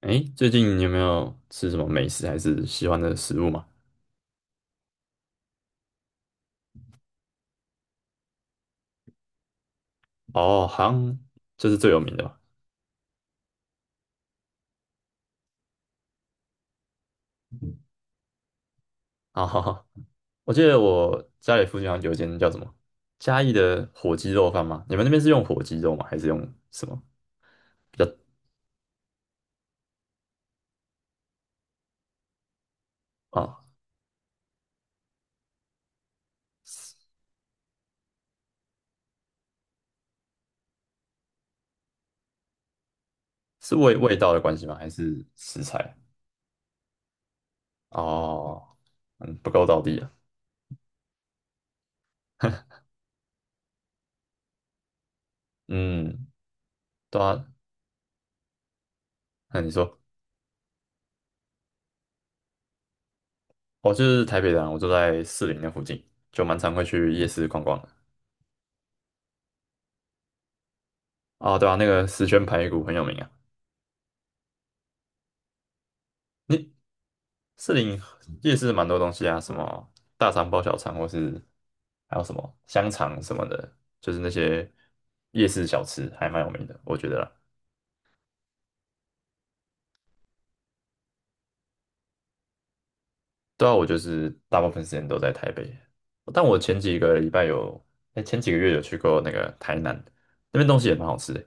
哎，最近你有没有吃什么美食还是喜欢的食物嘛？哦，好像就是最有名的吧。啊哈哈、我记得我家里附近好像有一间叫什么嘉义的火鸡肉饭吗？你们那边是用火鸡肉吗？还是用什么比较啊？是味道的关系吗？还是食材？哦，嗯，不够到地啊。嗯，对啊。那你说，我就是台北人啊，我住在士林那附近，就蛮常会去夜市逛逛的。啊。对啊，那个石全排骨很有名啊。你士林夜市蛮多东西啊，什么大肠包小肠，或是还有什么香肠什么的，就是那些夜市小吃还蛮有名的，我觉得啦。对啊，我就是大部分时间都在台北，但我前几个礼拜有，哎，前几个月有去过那个台南，那边东西也蛮好吃的。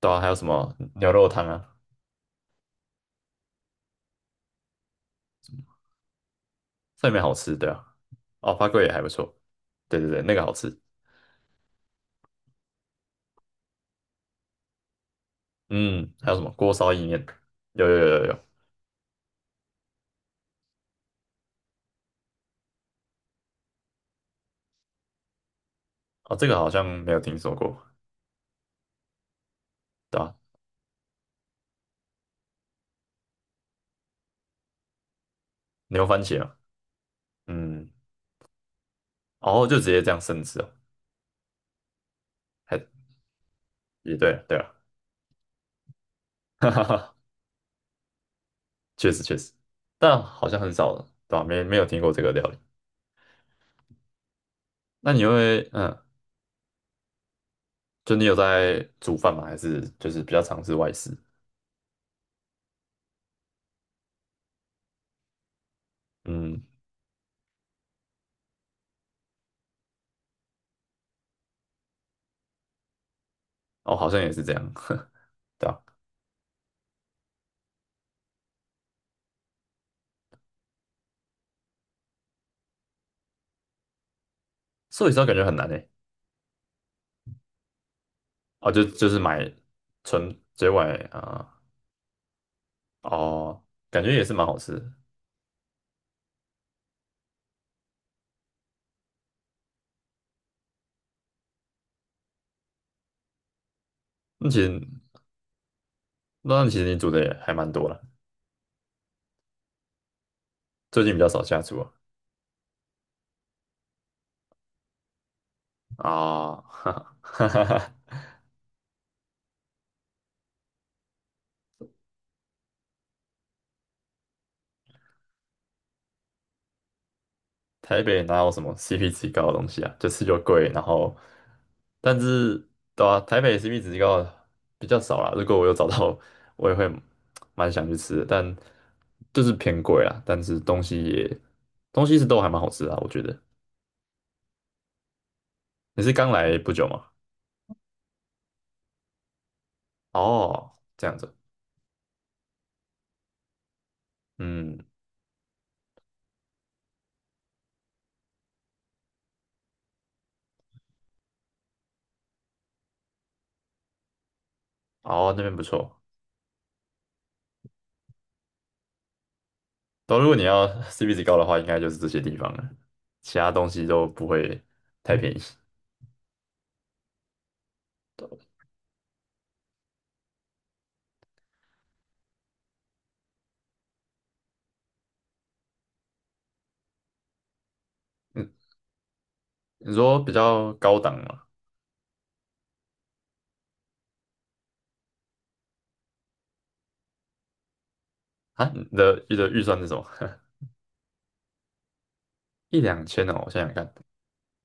对啊，还有什么牛肉汤啊，这里面好吃，对啊。哦，花贵也还不错，对对对，那个好吃。嗯，还有什么锅烧意面？有有有有有，哦，这个好像没有听说过。对啊，牛番茄啊，嗯，后就直接这样生吃哦，还也对了对了，哈哈哈，确实确实，但好像很少了，对吧？没有听过这个料理。那你会，嗯，就你有在煮饭吗？还是就是比较尝试外食？嗯，哦，好像也是这样，对吧？寿喜烧感觉很难诶，哦，就就是买纯嘴外啊，哦，感觉也是蛮好吃的。那其实那其实你煮的也还蛮多了，最近比较少下厨啊，啊，哈哈哈哈。台北哪有什么 CP 值高的东西啊？就吃就贵，然后，但是对啊，台北 CP 值高的比较少啦。如果我有找到，我也会蛮想去吃的，但就是偏贵啊。但是东西也东西是都还蛮好吃的啊，我觉得。你是刚来不久吗？哦，这样子，嗯，哦，那边不错。都如果你要 CP 值高的话，应该就是这些地方了，其他东西都不会太便宜。嗯，你说比较高档嘛？啊，你的预算是什么？一两千哦，我想想看，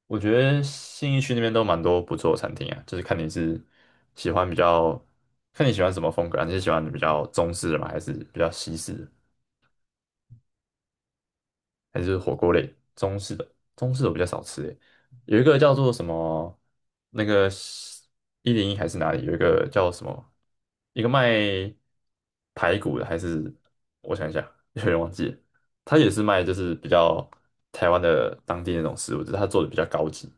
我觉得信义区那边都蛮多不错的餐厅啊，就是看你是喜欢比较，看你喜欢什么风格啊，你是喜欢比较中式的吗，还是比较西式的？还是火锅类，中式的，中式的我比较少吃诶。有一个叫做什么，那个一零一还是哪里，有一个叫什么，一个卖排骨的，还是我想一下，有点忘记了。他也是卖就是比较台湾的当地那种食物，只是他做的比较高级。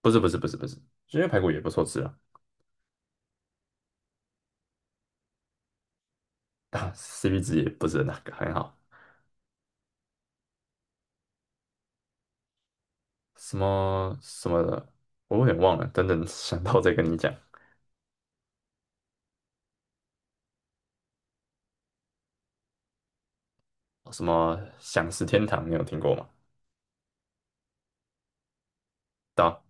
不是，因为排骨也不错吃啊，啊 CP 值也不是那个很好。什么什么的，我有点忘了，等等想到再跟你讲。什么享食天堂，你有听过吗？对啊，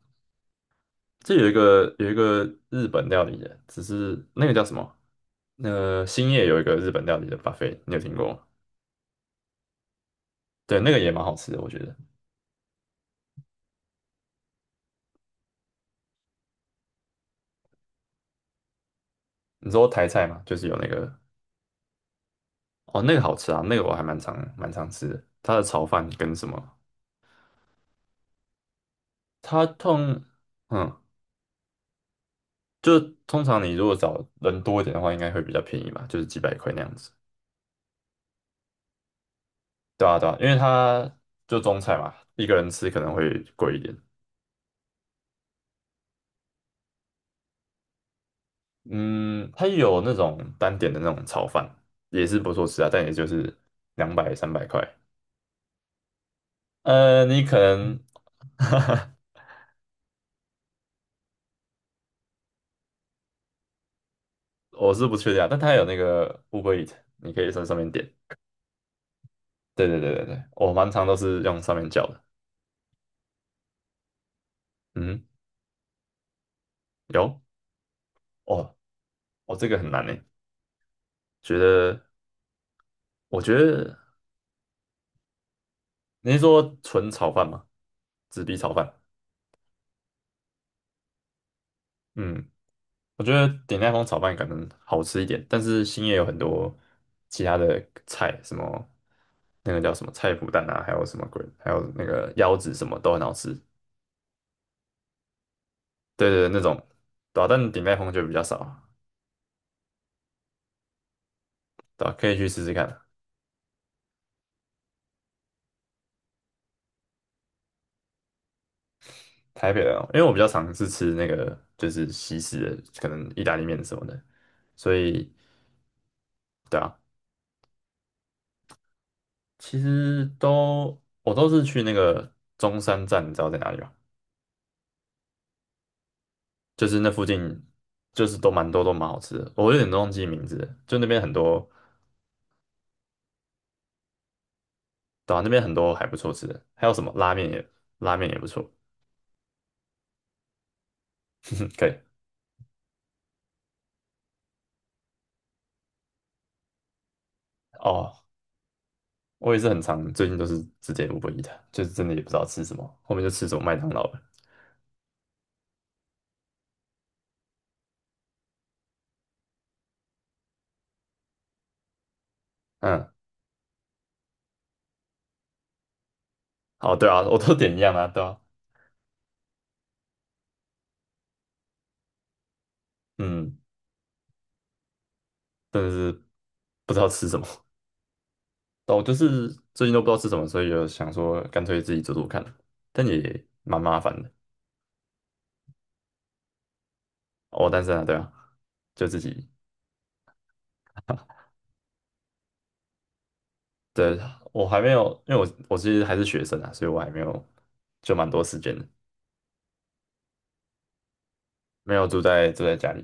这有一个日本料理的，只是那个叫什么？那个兴业有一个日本料理的 buffet，你有听过吗？对，那个也蛮好吃的，我觉得。你说台菜嘛，就是有那个哦，那个好吃啊，那个我还蛮常吃的。它的炒饭跟什么？它通嗯，就是通常你如果找人多一点的话，应该会比较便宜嘛，就是几百块那样子。对啊，对啊，因为它就中菜嘛，一个人吃可能会贵一点。嗯，它有那种单点的那种炒饭，也是不错吃啊，但也就是两百三百块。呃，你可能，我是不确定啊，但它有那个 Uber Eat，你可以在上面点。对对对对对，我蛮常都是用上面叫的。嗯，有哦，哦，这个很难呢，觉得，我觉得你是说纯炒饭吗？纸皮炒饭？嗯，我觉得鼎泰丰炒饭可能好吃一点，但是兴业有很多其他的菜，什么那个叫什么菜脯蛋啊，还有什么鬼，还有那个腰子什么都很好吃。对对对，那种对啊，但鼎泰丰就比较少啊，对啊，可以去试试看。台北的哦因为我比较常是吃那个就是西式的，可能意大利面什么的，所以对啊，其实我都是去那个中山站，你知道在哪里吗？就是那附近就是都蛮多都蛮好吃的，我有点忘记名字了，就那边很多，对啊，那边很多还不错吃的，还有什么拉面也拉面也不错，嗯，可以哦，我也是很常最近都是直接五 b 一的，就是真的也不知道吃什么，后面就吃什么麦当劳了，嗯，好，对啊，我都点一样啊，对啊，嗯，真的是不知道吃什么，但我就是最近都不知道吃什么，所以就想说干脆自己做做看，但也蛮麻烦的，哦，但是啊，对啊，就自己对，我还没有，因为我其实还是学生啊，所以我还没有就蛮多时间的，没有住在住在家里，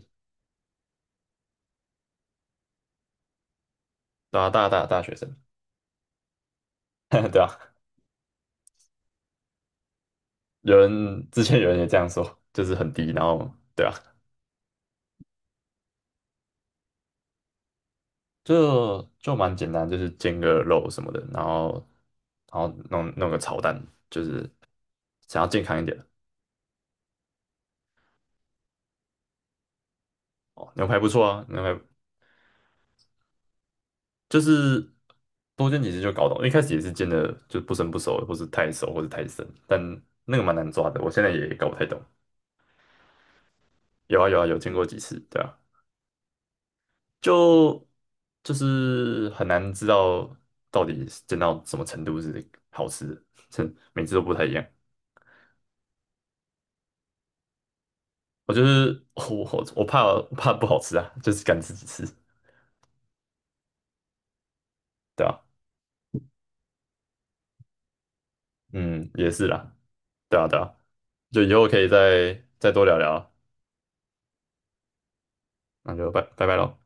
对啊，大学生，对啊，有人之前有人也这样说，就是很低，然后对啊，就蛮简单，就是煎个肉什么的，然后然后弄个炒蛋，就是想要健康一点哦，牛排不错啊，牛排就是多煎几次就搞懂，一开始也是煎的就不生不熟，或是太熟或是太生，但那个蛮难抓的，我现在也搞不太懂。有啊有啊有见过几次，对啊，就就是很难知道到底是煎到什么程度是好吃的，这每次都不太一样。我就是我怕不好吃啊，就是敢自己吃，对啊，嗯，也是啦，对啊对啊，就以后可以再多聊聊啊，那就拜拜喽。